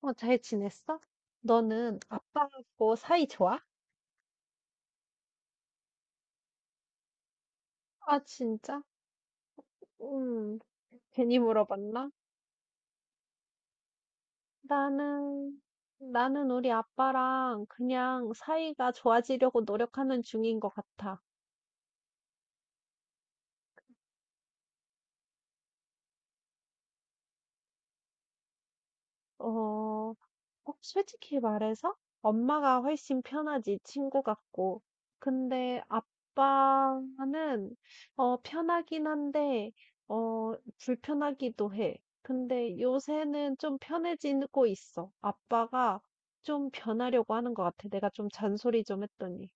어, 잘 지냈어? 너는 아빠하고 사이 좋아? 아, 진짜? 음, 괜히 물어봤나? 나는, 나는 우리 아빠랑 그냥 사이가 좋아지려고 노력하는 중인 것 같아. 어, 어 솔직히 말해서 엄마가 훨씬 편하지 친구 같고. 근데 아빠는 어 편하긴 한데 어 불편하기도 해. 근데 요새는 좀 편해지고 있어. 아빠가 좀 변하려고 하는 것 같아. 내가 좀 잔소리 좀 했더니.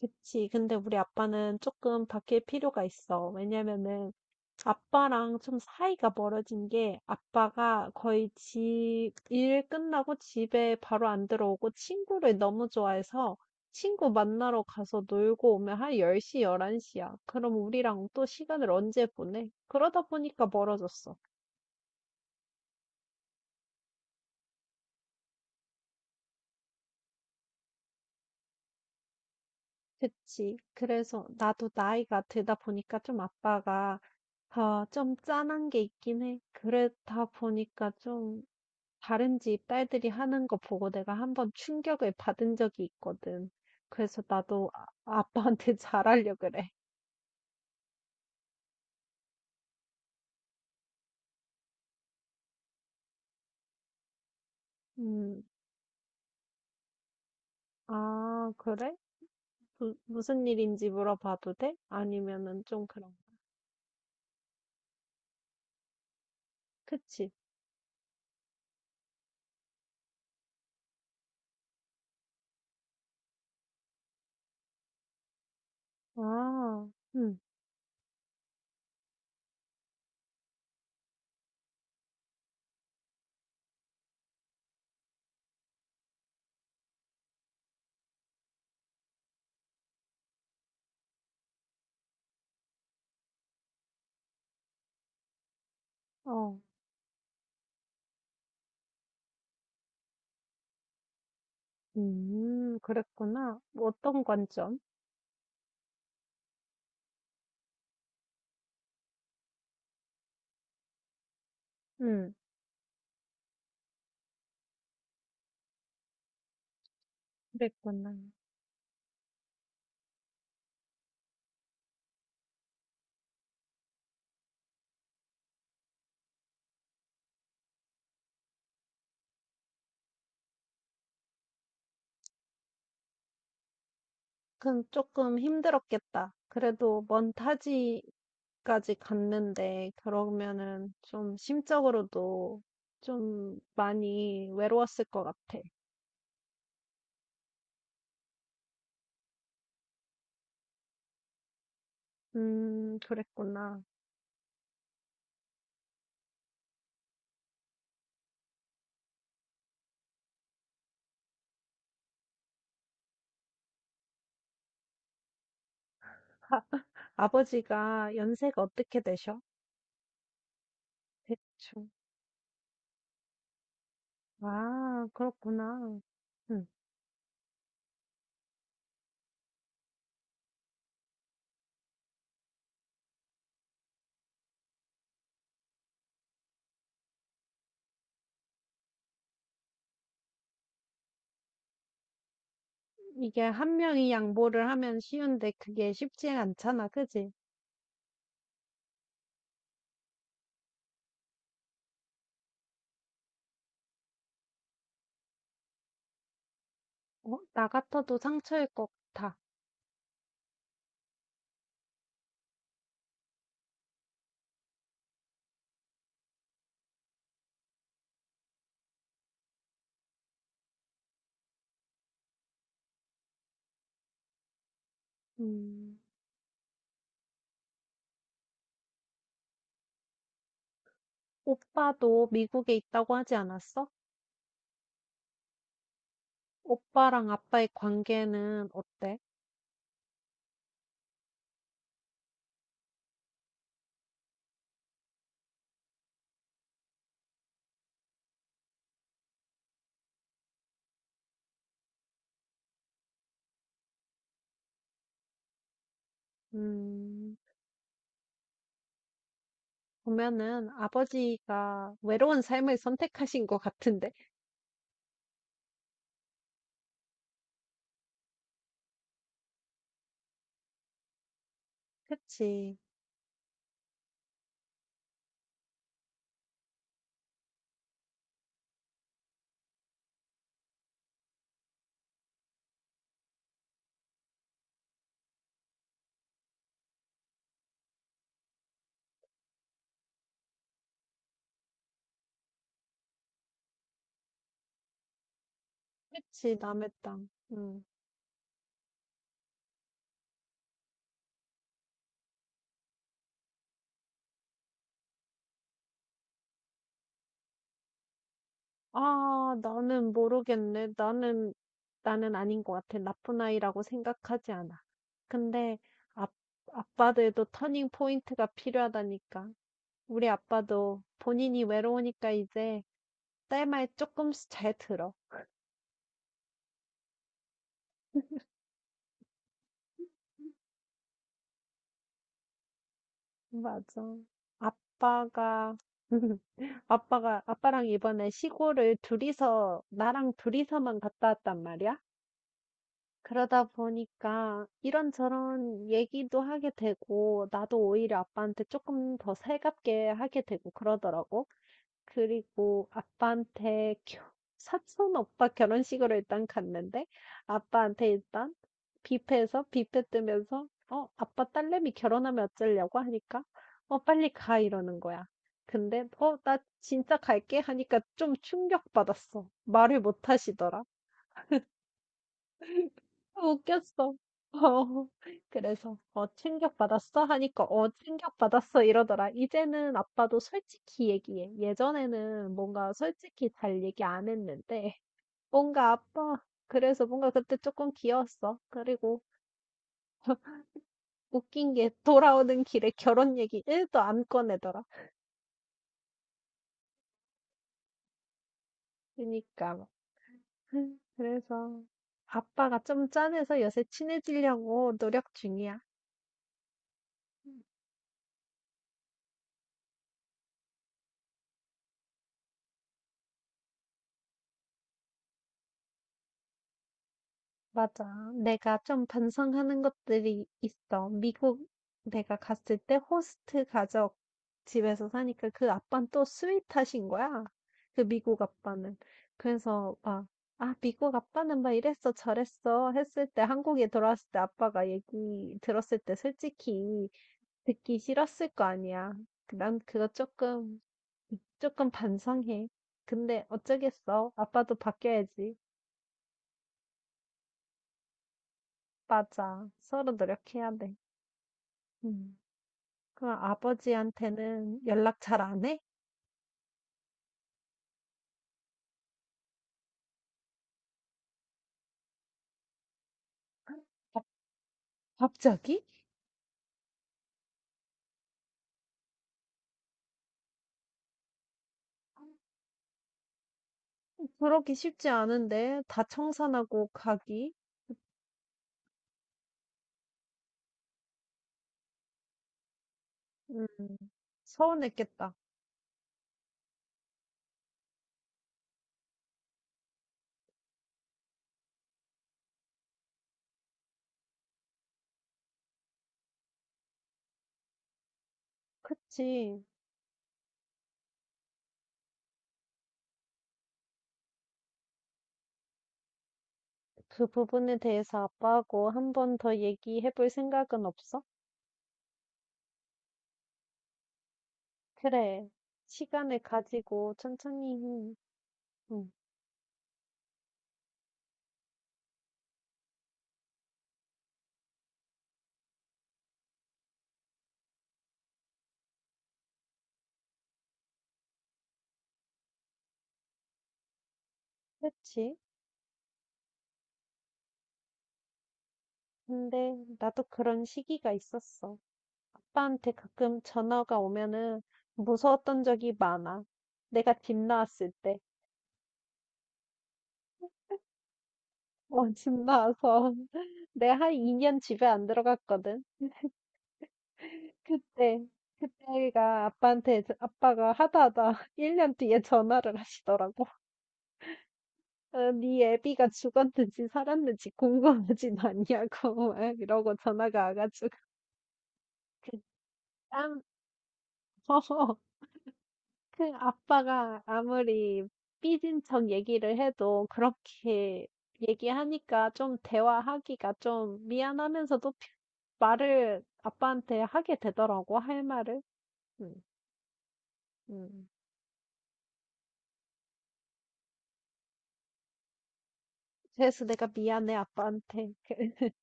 그치. 근데 우리 아빠는 조금 바뀔 필요가 있어. 왜냐면은 아빠랑 좀 사이가 멀어진 게 아빠가 거의 지, 일 끝나고 집에 바로 안 들어오고 친구를 너무 좋아해서 친구 만나러 가서 놀고 오면 한 10시, 11시야. 그럼 우리랑 또 시간을 언제 보내? 그러다 보니까 멀어졌어. 그치. 그래서 나도 나이가 들다 보니까 좀 아빠가 아, 좀 짠한 게 있긴 해. 그러다 보니까 좀 다른 집 딸들이 하는 거 보고 내가 한번 충격을 받은 적이 있거든. 그래서 나도 아, 아빠한테 잘하려 그래. 음, 아, 그래? 무, 무슨 일인지 물어봐도 돼? 아니면은 좀 그런. 그치? 아, 응, 어, 그랬구나. 뭐 어떤 관점? 응, 그랬구나. 그건 쪼 힘들었겠다. 그래도 먼 타지까지 갔는데 그러면은 좀 심적으로도 좀 많이 외로웠을 것 같아. 그랬구나. 아버지가 연세가 어떻게 되셔? 대충. 아, 그렇구나. 응. 이게 한 명이 양보를 하면 쉬운데 그게 쉽지 않잖아, 그지? 어? 나 같아도 상처일 것 같아. 음. 오빠도 미국에 있다고 하지 않았어? 오빠랑 아빠의 관계는 어때? 음, 보면은 아버지가 외로운 삶을 선택하신 것 같은데. 그치, 그치, 남의 땅. 음. 아, 나는 모르겠네. 나는 아닌 것 같아. 나쁜 아이라고 생각하지 않아. 근데, 아, 아빠들도 터닝 포인트가 필요하다니까. 우리 아빠도 본인이 외로우니까 이제 딸 말 조금씩 잘 들어. 맞아. 아빠가, 아빠랑 이번에 시골을 둘이서, 나랑 둘이서만 갔다 왔단 말이야? 그러다 보니까 이런저런 얘기도 하게 되고, 나도 오히려 아빠한테 조금 더 살갑게 하게 되고 그러더라고. 그리고 아빠한테 겨 사촌 오빠 결혼식으로 일단 갔는데 아빠한테 일단 뷔페에서 뷔페 뜨면서 어 아빠 딸내미 결혼하면 어쩌려고 하니까 어 빨리 가 이러는 거야. 근데 어 나 진짜 갈게 하니까 좀 충격받았어. 말을 못 하시더라. 웃겼어. 어. 그래서 "어 충격받았어?" 하니까 "어 충격받았어." 이러더라. "이제는 아빠도 솔직히 얘기해." 예전에는 뭔가 솔직히 잘 얘기 안 했는데 뭔가 아빠 그래서 뭔가 그때 조금 귀여웠어. 그리고 웃긴 게 돌아오는 길에 결혼 얘기 1도 안 꺼내더라. 그니까 러 그래서 아빠가 좀 짠해서 요새 친해지려고 노력 중이야. 맞아. 내가 좀 반성하는 것들이 있어. 미국 내가 갔을 때 호스트 가족 집에서 사니까 그 아빠는 또 스윗하신 거야. 그 미국 아빠는. 그래서 막, 아, 미국 아빠는 막 이랬어, 저랬어 했을 때 한국에 돌아왔을 때 아빠가 얘기 들었을 때 솔직히 듣기 싫었을 거 아니야. 난 그거 조금, 조금 반성해. 근데 어쩌겠어. 아빠도 바뀌어야지. 맞아. 서로 노력해야 돼. 음. 그럼 아버지한테는 연락 잘 안 해? 갑- 갑자기? 그러기 쉽지 않은데 다 청산하고 가기? 음, 서운했겠다. 그치. 그 부분에 대해서 아빠하고 한번 더 얘기해 볼 생각은 없어? 그래. 시간을 가지고 천천히. 해. 응, 그치. 근데 나도 그런 시기가 있었어. 아빠한테 가끔 전화가 오면은 무서웠던 적이 많아. 내가 집 나왔을 때. 어, 집 나와서 내가 한 2년 집에 안 들어갔거든. 그때, 그때가 아빠한테, 저- 아빠가 하다 하다 1년 뒤에 전화를 하시더라고. 어, 네 애비가 죽었는지 살았는지 궁금하진 않냐고 막 이러고 전화가 와가지고 그땀 그 아빠가 아무리 삐진 척 얘기를 해도 그렇게 얘기하니까 좀 대화하기가 좀 미안하면서도 피- 말을 아빠한테 하게 되더라고, 할 말을. 음, 음. 그래서 내가 미안해, 아빠한테.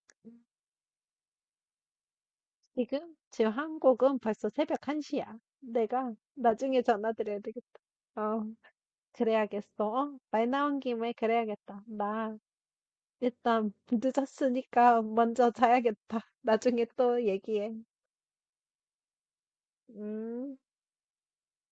지금 한국은 벌써 새벽 1시야. 내가 나중에 전화드려야 되겠다. 어, 그래야겠어. 어, 말 나온 김에 그래야겠다. 나 일단 늦었으니까 먼저 자야겠다. 나중에 또 얘기해. 음.